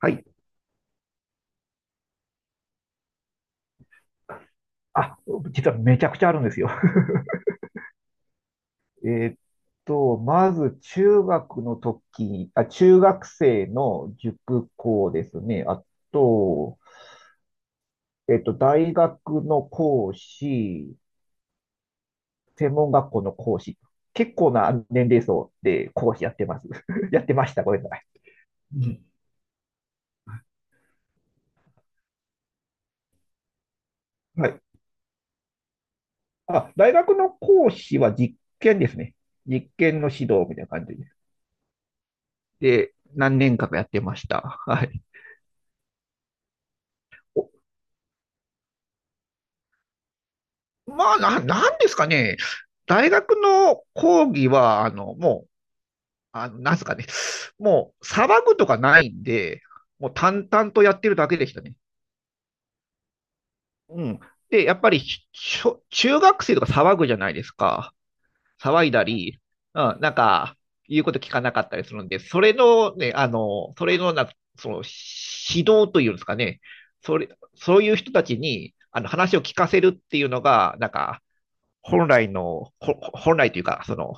はい。あ、実はめちゃくちゃあるんですよ。えーっまず中学の時、あ、中学生の塾講ですね。あと、えーっと、大学の講師、専門学校の講師。結構な年齢層で講師やってます。やってました。ごめんなさい。うん、はい。あ、大学の講師は実験ですね。実験の指導みたいな感じです。で、何年間かやってました。はい。まあ、なんですかね。大学の講義は、あの、もう、なんすかね。もう、騒ぐとかないんで、もう淡々とやってるだけでしたね。うん。で、やっぱり、中学生とか騒ぐじゃないですか。騒いだり、うん、なんか、言うこと聞かなかったりするんで、それのね、あの、それのな、その、指導というんですかね。それ、そういう人たちに、あの、話を聞かせるっていうのが、なんか、本来というか、その、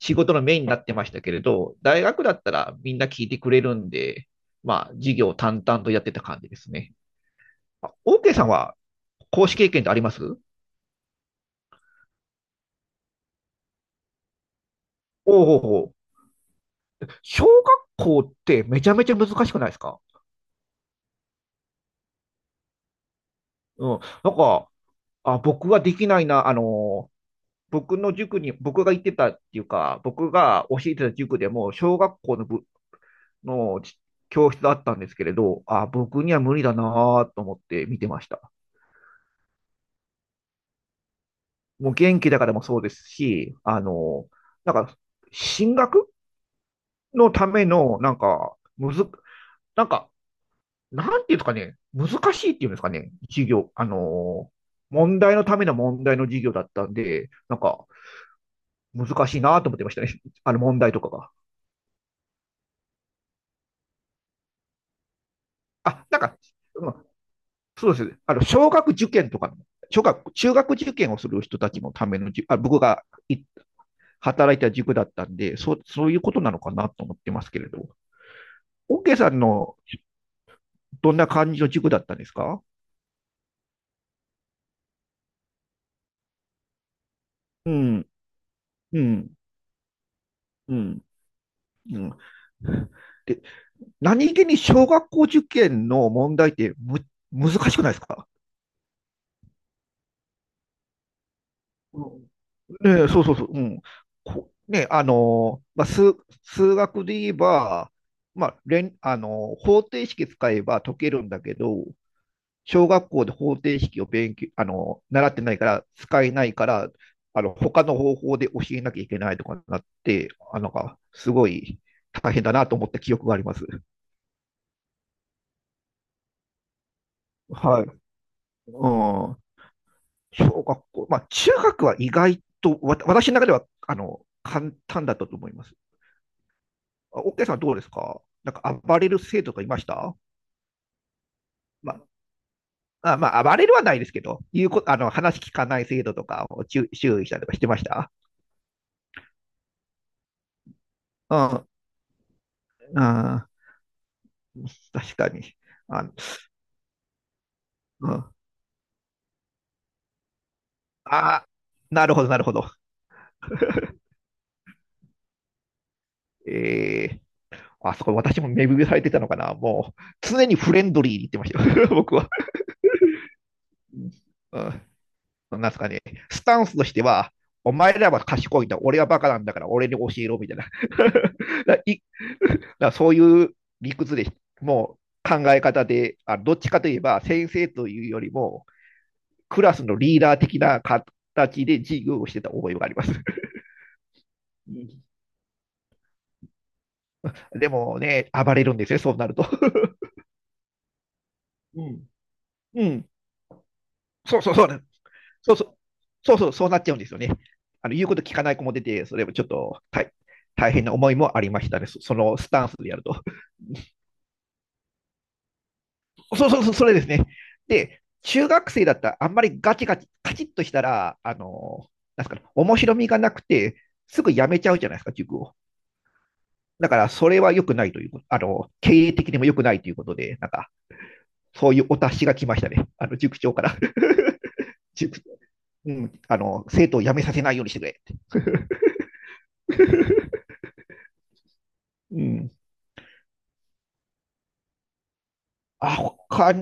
仕事のメインになってましたけれど、大学だったらみんな聞いてくれるんで、まあ、授業を淡々とやってた感じですね。オーケーさんは、講師経験ってありますおうおうおう、小学校ってめちゃめちゃ難しくないですか？うん。なんか、あ、僕はできないな、あの、僕の塾に、僕が行ってたっていうか、僕が教えてた塾でも、小学校の教室だったんですけれど、あ、僕には無理だなと思って見てました。もう元気だからもそうですし、あの、なんか、進学のための、なんか、むず、なんか、なんていうんですかね、難しいっていうんですかね、授業、あの、問題のための問題の授業だったんで、なんか、難しいなと思ってましたね、あの問題とかが。あ、なんか、うん、そうですね、あの、小学受験とかの、小学、中学受験をする人たちのためのあ、僕がい働いた塾だったんで、そういうことなのかなと思ってますけれど。オッケーさんのどんな感じの塾だったんですか？うん、うん、うん、うん。で、何気に小学校受験の問題って難しくないですか？うん、ね、そうそうそう。うん、あのー、まあ、数学で言えば、まあ、あのー、方程式使えば解けるんだけど、小学校で方程式を勉強、あの、習ってないから、使えないから、あの、他の方法で教えなきゃいけないとかになって、あの、すごい大変だなと思った記憶があります。はい。うん。小学校、まあ、中学は意外と、私の中では、あの、簡単だったと思います。おオッケーさんはどうですか？なんか暴れる生徒とかいました？まあ、まあ、暴れるはないですけど、いうことあの、話聞かない生徒とかを注意したりとかしてました。うん。うん。 確かに。あ、うん、あー、なるほど。えー、あそこ私も目指されてたのかな。もう、常にフレンドリーに言ってましたよ。僕は。うん、うなんすかね。スタンスとしては、お前らは賢いんだ、俺はバカなんだから、俺に教えろ、みたいな。だいだからそういう理屈で、もう考え方で、あ、どっちかといえば、先生というよりも、クラスのリーダー的な形で授業をしてた覚えがあります。でもね、暴れるんですよ、そうなると。うん。うん。そうそうそうなん。そうそう。そうそう、そうなっちゃうんですよね。あの、言うこと聞かない子も出て、それもちょっと大変な思いもありましたね。そのスタンスでやると。そう、それですね。で、中学生だったら、あんまりガチガチ、カチッとしたら、あの、なんすかね、面白みがなくて、すぐ辞めちゃうじゃないですか、塾を。だから、それは良くないということ、あの、経営的にも良くないということで、なんか、そういうお達しが来ましたね。あの、塾長から。塾うん、あの、生徒を辞めさせないようにしてくれ。うん。あ、他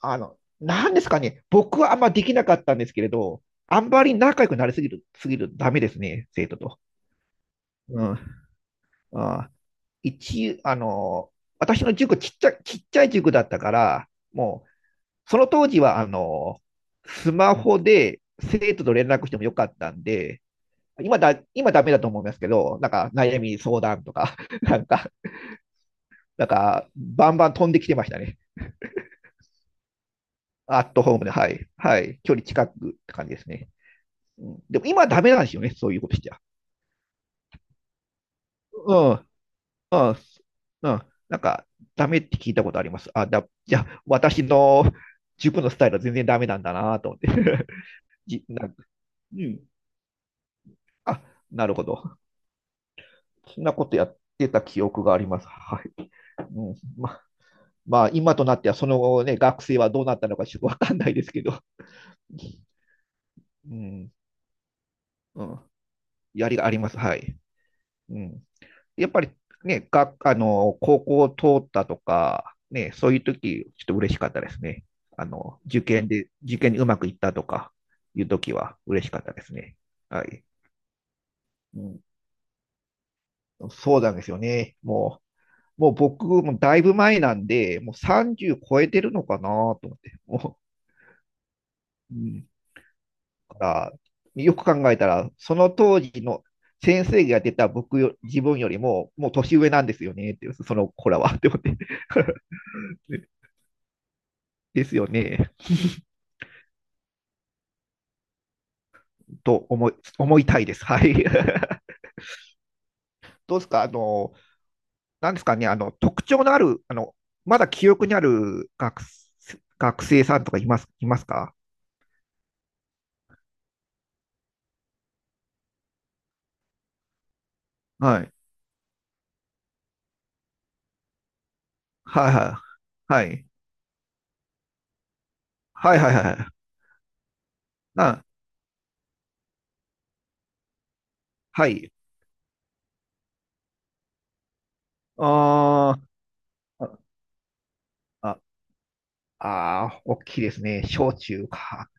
あの、なんですかね。僕はあんまできなかったんですけれど、あんまり仲良くなりすぎるとダメですね、生徒と。うん。あ、あの、私の塾ちっちゃ、ちっちゃい塾だったから、もう、その当時は、あの、スマホで生徒と連絡してもよかったんで、今ダメだと思いますけど、なんか悩み相談とか、なんか、なんか、バンバン飛んできてましたね。アットホームで、はい。はい。距離近くって感じですね。うん、でも今はダメなんですよね、そういうことしちゃ。うん。うん。うん。なんか、ダメって聞いたことあります。じゃあ、私の塾のスタイルは全然ダメなんだなと思って。 じな。うん。あ、なるほど。そんなことやってた記憶があります。はい。うん、ままあ、今となっては、その後ね、学生はどうなったのかちょっとわかんないですけど、うん、うん、やりがあります。はい。うん、やっぱりね、あの、高校を通ったとか、ね、そういう時、ちょっと嬉しかったですね。あの、受験にうまくいったとかいう時は嬉しかったですね。はい。うん、そうなんですよね。もう僕もだいぶ前なんで、もう30超えてるのかなと思って。もう、うん。だから、よく考えたら、その当時の先生が出た僕よ、自分よりも、もう年上なんですよね、っていう、その子らは、って思って。ですよね。と思い思いたいです。はい。どうですか、あの、なんですかね、あの、特徴のある、あの、まだ記憶にある学生さんとかいますか？はい。はいはい。はい。はいはいはいはい。な、はいはいはい、はい、あー、あ、ああー、大きいですね。小中か。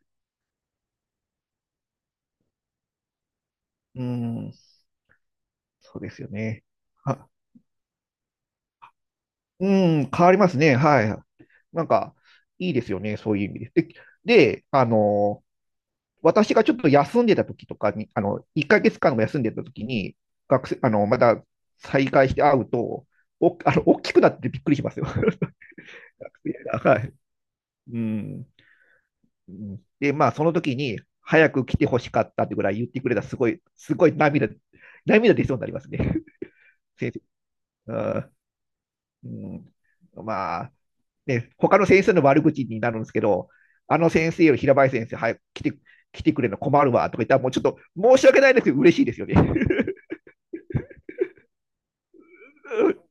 うん、そうですよね。は、うん、変わりますね。はい。なんか、いいですよね。そういう意味で。で、あの、私がちょっと休んでた時とかに、あの、1ヶ月間も休んでた時に、学生、あの、まだ再開して会うと、お、あの、大きくなっててびっくりしますよ。はい。うん。うんで、まあ、その時に、早く来てほしかったってぐらい言ってくれた、すごい涙出そうになりますね。先生。うん。まあ、ね、他の先生の悪口になるんですけど、あの先生より平林先生、早く来て、来てくれるの困るわとか言ったら、もうちょっと申し訳ないですけど、嬉しいですよね。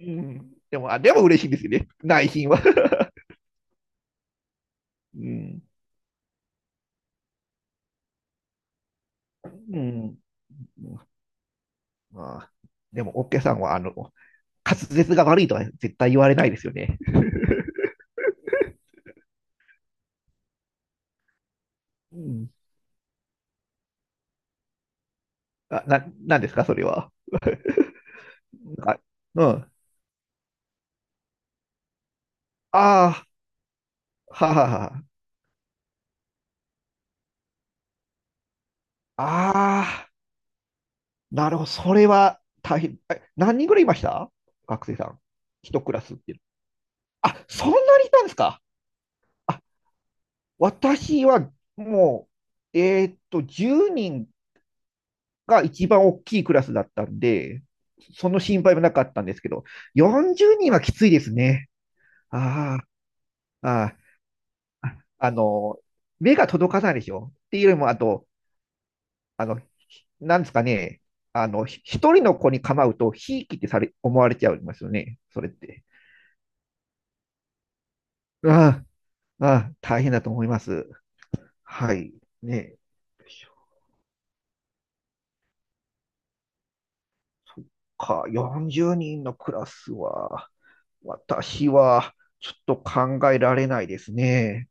でも嬉しいんですよね。内心は。うん。うん。まあ、でも、オッケーさんは、あの、滑舌が悪いとは絶対言われないですよね。うん。なんですか、それは。あ、うん。ああ、ははは。ああ、なるほど。それは大変。え、何人ぐらいいました？学生さん。一クラスっていう。あ、そんなにいたんですか？あ、私はもう、10人が一番大きいクラスだったんで、その心配もなかったんですけど、40人はきついですね。ああ、ああ、の、目が届かないでしょ。っていうよりも、あと、あの、なんですかね、あの、一人の子に構うと、ひいきってされ、思われちゃいますよね。それって。ああ、ああ、大変だと思います。はい。ね。そっか、40人のクラスは、私は、ちょっと考えられないですね。